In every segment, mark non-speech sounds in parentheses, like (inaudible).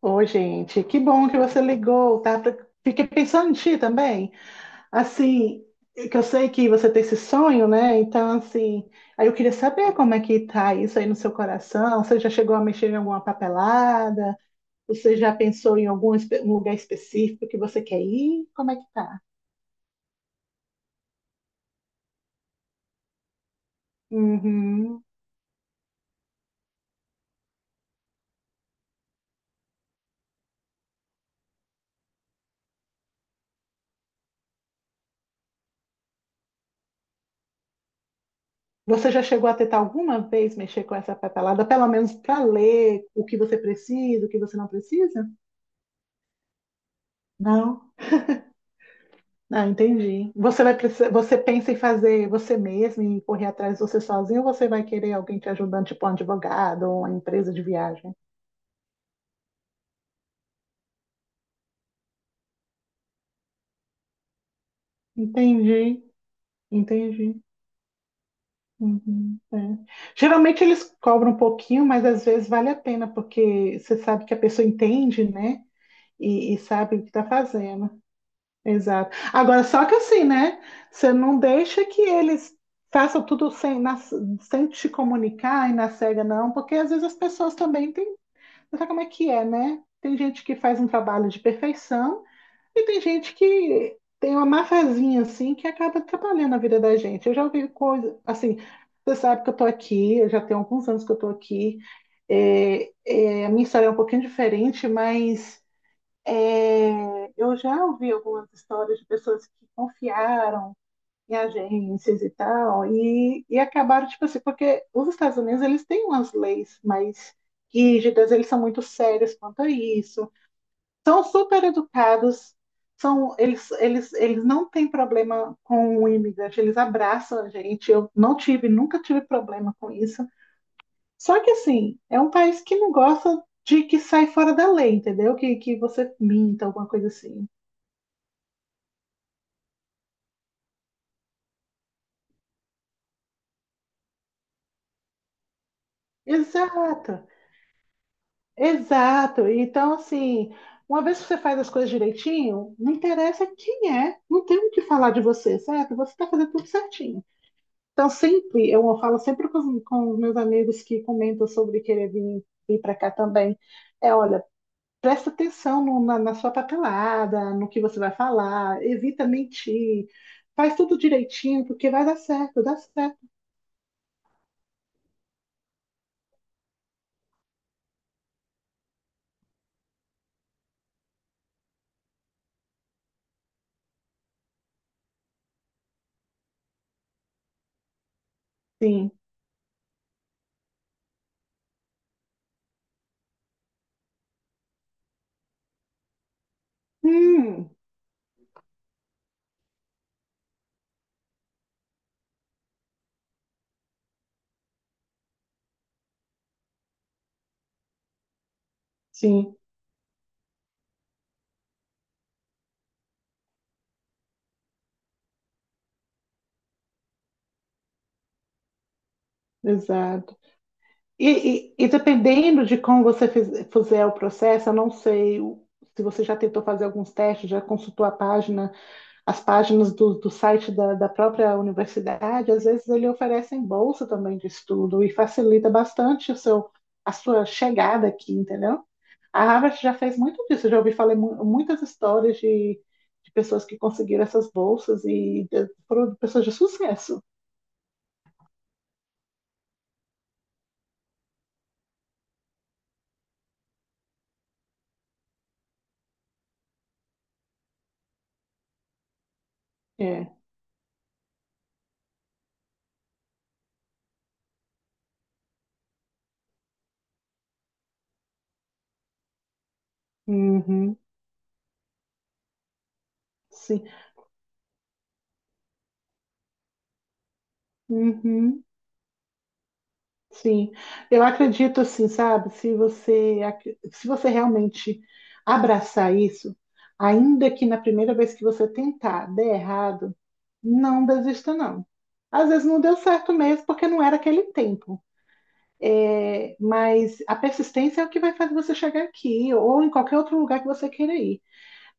Ô, gente, que bom que você ligou, tá? Fiquei pensando em ti também. Assim, que eu sei que você tem esse sonho, né? Então, assim, aí eu queria saber como é que tá isso aí no seu coração. Você já chegou a mexer em alguma papelada? Você já pensou em um lugar específico que você quer ir? Como é que tá? Uhum. Você já chegou a tentar alguma vez mexer com essa papelada, pelo menos para ler o que você precisa, o que você não precisa? Não? Ah, entendi. Você vai precisar, você pensa em fazer você mesmo, em correr atrás de você sozinho, ou você vai querer alguém te ajudando, tipo um advogado ou uma empresa de viagem? Entendi, entendi. Uhum, é. Geralmente eles cobram um pouquinho, mas às vezes vale a pena, porque você sabe que a pessoa entende, né? E sabe o que está fazendo. Exato. Agora, só que assim, né? Você não deixa que eles façam tudo sem te comunicar e na cega, não, porque às vezes as pessoas também têm. Mas sabe como é que é, né? Tem gente que faz um trabalho de perfeição e tem gente que tem uma mafazinha assim que acaba atrapalhando a vida da gente. Eu já ouvi coisa assim, você sabe que eu tô aqui, eu já tenho alguns anos que eu tô aqui. A minha história é um pouquinho diferente, mas é, eu já ouvi algumas histórias de pessoas que confiaram em agências e tal, e acabaram, tipo assim, porque os Estados Unidos, eles têm umas leis mais rígidas, eles são muito sérios quanto a isso, são super educados, são, eles não têm problema com o imigrante, eles abraçam a gente, eu não tive, nunca tive problema com isso, só que assim, é um país que não gosta de que sai fora da lei, entendeu? Que você minta, alguma coisa assim. Exato. Exato. Então, assim, uma vez que você faz as coisas direitinho, não interessa quem é, não tem o que falar de você, certo? Você está fazendo tudo certinho. Então, sempre, eu falo sempre com os meus amigos que comentam sobre querer vir para cá também, é, olha, presta atenção na sua papelada, no que você vai falar, evita mentir, faz tudo direitinho, porque vai dar certo, dá certo. Sim. Hum, sim, exato. E dependendo de como você fizer o processo, eu não sei, se você já tentou fazer alguns testes, já consultou a página, as páginas do site da própria universidade, às vezes ele oferecem bolsa também de estudo e facilita bastante a sua chegada aqui, entendeu? A Harvard já fez muito disso, eu já ouvi falar muitas histórias de pessoas que conseguiram essas bolsas e foram pessoas de sucesso. É. Uhum, sim. Uhum. Sim, eu acredito assim, sabe? Se você realmente abraçar isso, ainda que na primeira vez que você tentar der errado, não desista, não. Às vezes não deu certo mesmo, porque não era aquele tempo. É, mas a persistência é o que vai fazer você chegar aqui, ou em qualquer outro lugar que você queira ir.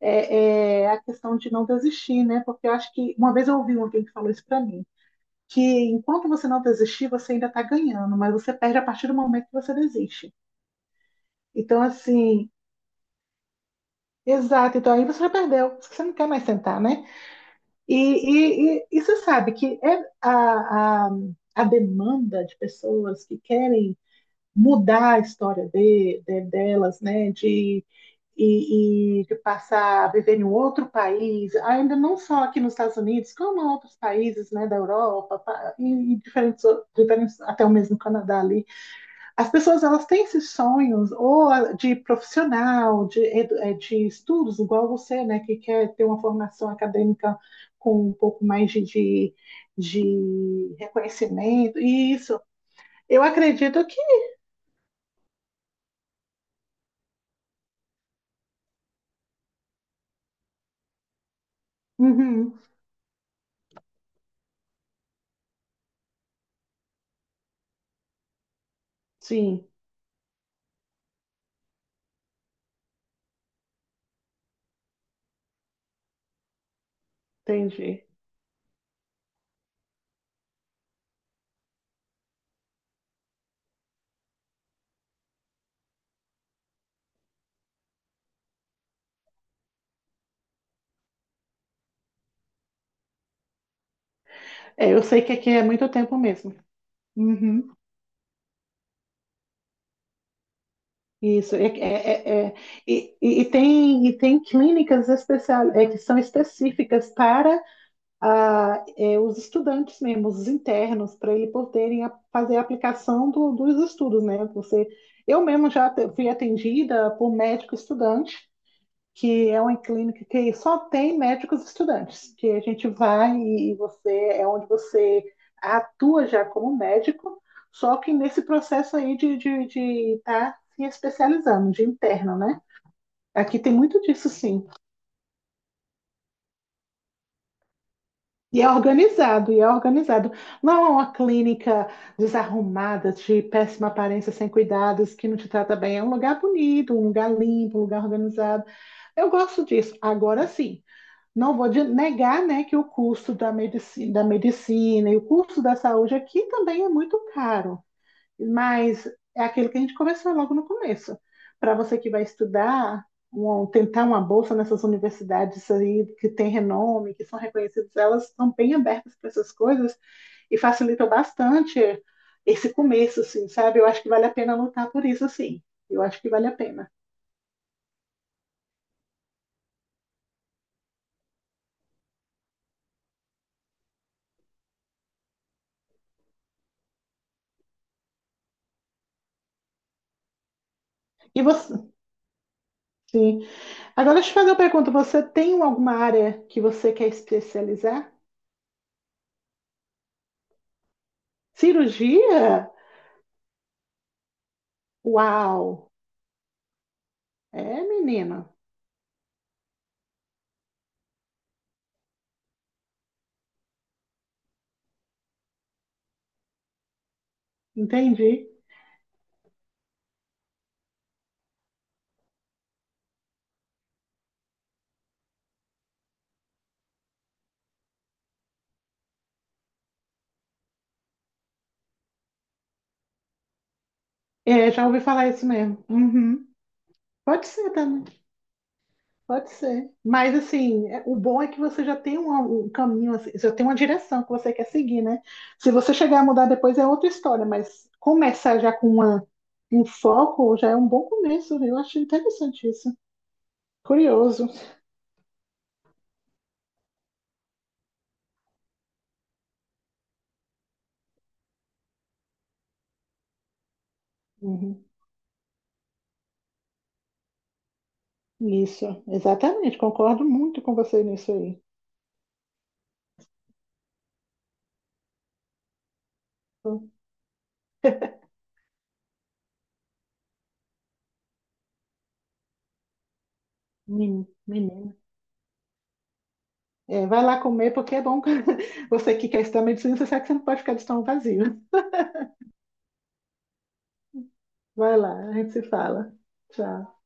É, é a questão de não desistir, né? Porque eu acho que uma vez eu ouvi um alguém que falou isso pra mim que enquanto você não desistir, você ainda está ganhando, mas você perde a partir do momento que você desiste. Então, assim, exato. Então, aí você já perdeu, você não quer mais sentar, né? E você sabe que é a demanda de pessoas que querem mudar a história delas, né? E de passar a viver em um outro país, ainda não só aqui nos Estados Unidos, como em outros países, né, da Europa, e diferentes, diferentes, até o mesmo Canadá ali. As pessoas elas têm esses sonhos ou de profissional, de estudos, igual você, né, que quer ter uma formação acadêmica com um pouco mais de reconhecimento. E isso, eu acredito que. Uhum, sim, entendi. É, eu sei que aqui é muito tempo mesmo. Uhum, isso, é. E tem clínicas é, que são específicas para é, os estudantes mesmo, os internos, para ele poderem fazer a aplicação dos estudos, né? Você, eu mesmo já fui atendida por médico estudante, que é uma clínica que só tem médicos estudantes, que a gente vai e você é onde você atua já como médico, só que nesse processo aí de de tá se especializando, de interno, né? Aqui tem muito disso, sim. E é organizado, e é organizado. Não é uma clínica desarrumada, de péssima aparência, sem cuidados, que não te trata bem. É um lugar bonito, um lugar limpo, um lugar organizado. Eu gosto disso. Agora sim, não vou negar, né, que o custo da medicina, e o custo da saúde aqui também é muito caro. Mas é aquilo que a gente conversou logo no começo. Para você que vai estudar, tentar uma bolsa nessas universidades aí que tem renome, que são reconhecidas, elas estão bem abertas para essas coisas e facilitam bastante esse começo, assim, sabe? Eu acho que vale a pena lutar por isso, assim. Eu acho que vale a pena. E você? Sim. Agora, deixa eu te fazer uma pergunta. Você tem alguma área que você quer especializar? Cirurgia? Uau! É, menina. Entendi. É, já ouvi falar isso mesmo. Uhum. Pode ser também, pode ser. Mas assim, o bom é que você já tem um caminho, assim, já tem uma direção que você quer seguir, né? Se você chegar a mudar depois é outra história, mas começar já com uma, um foco já é um bom começo, né? Eu acho interessante isso. Curioso. Uhum. Isso, exatamente, concordo muito com você nisso aí. Menino, menino. É, vai lá comer, porque é bom (laughs) você que quer estudar medicina, você sabe que você não pode ficar de estômago vazio. Vai lá, a gente se fala. Tchau.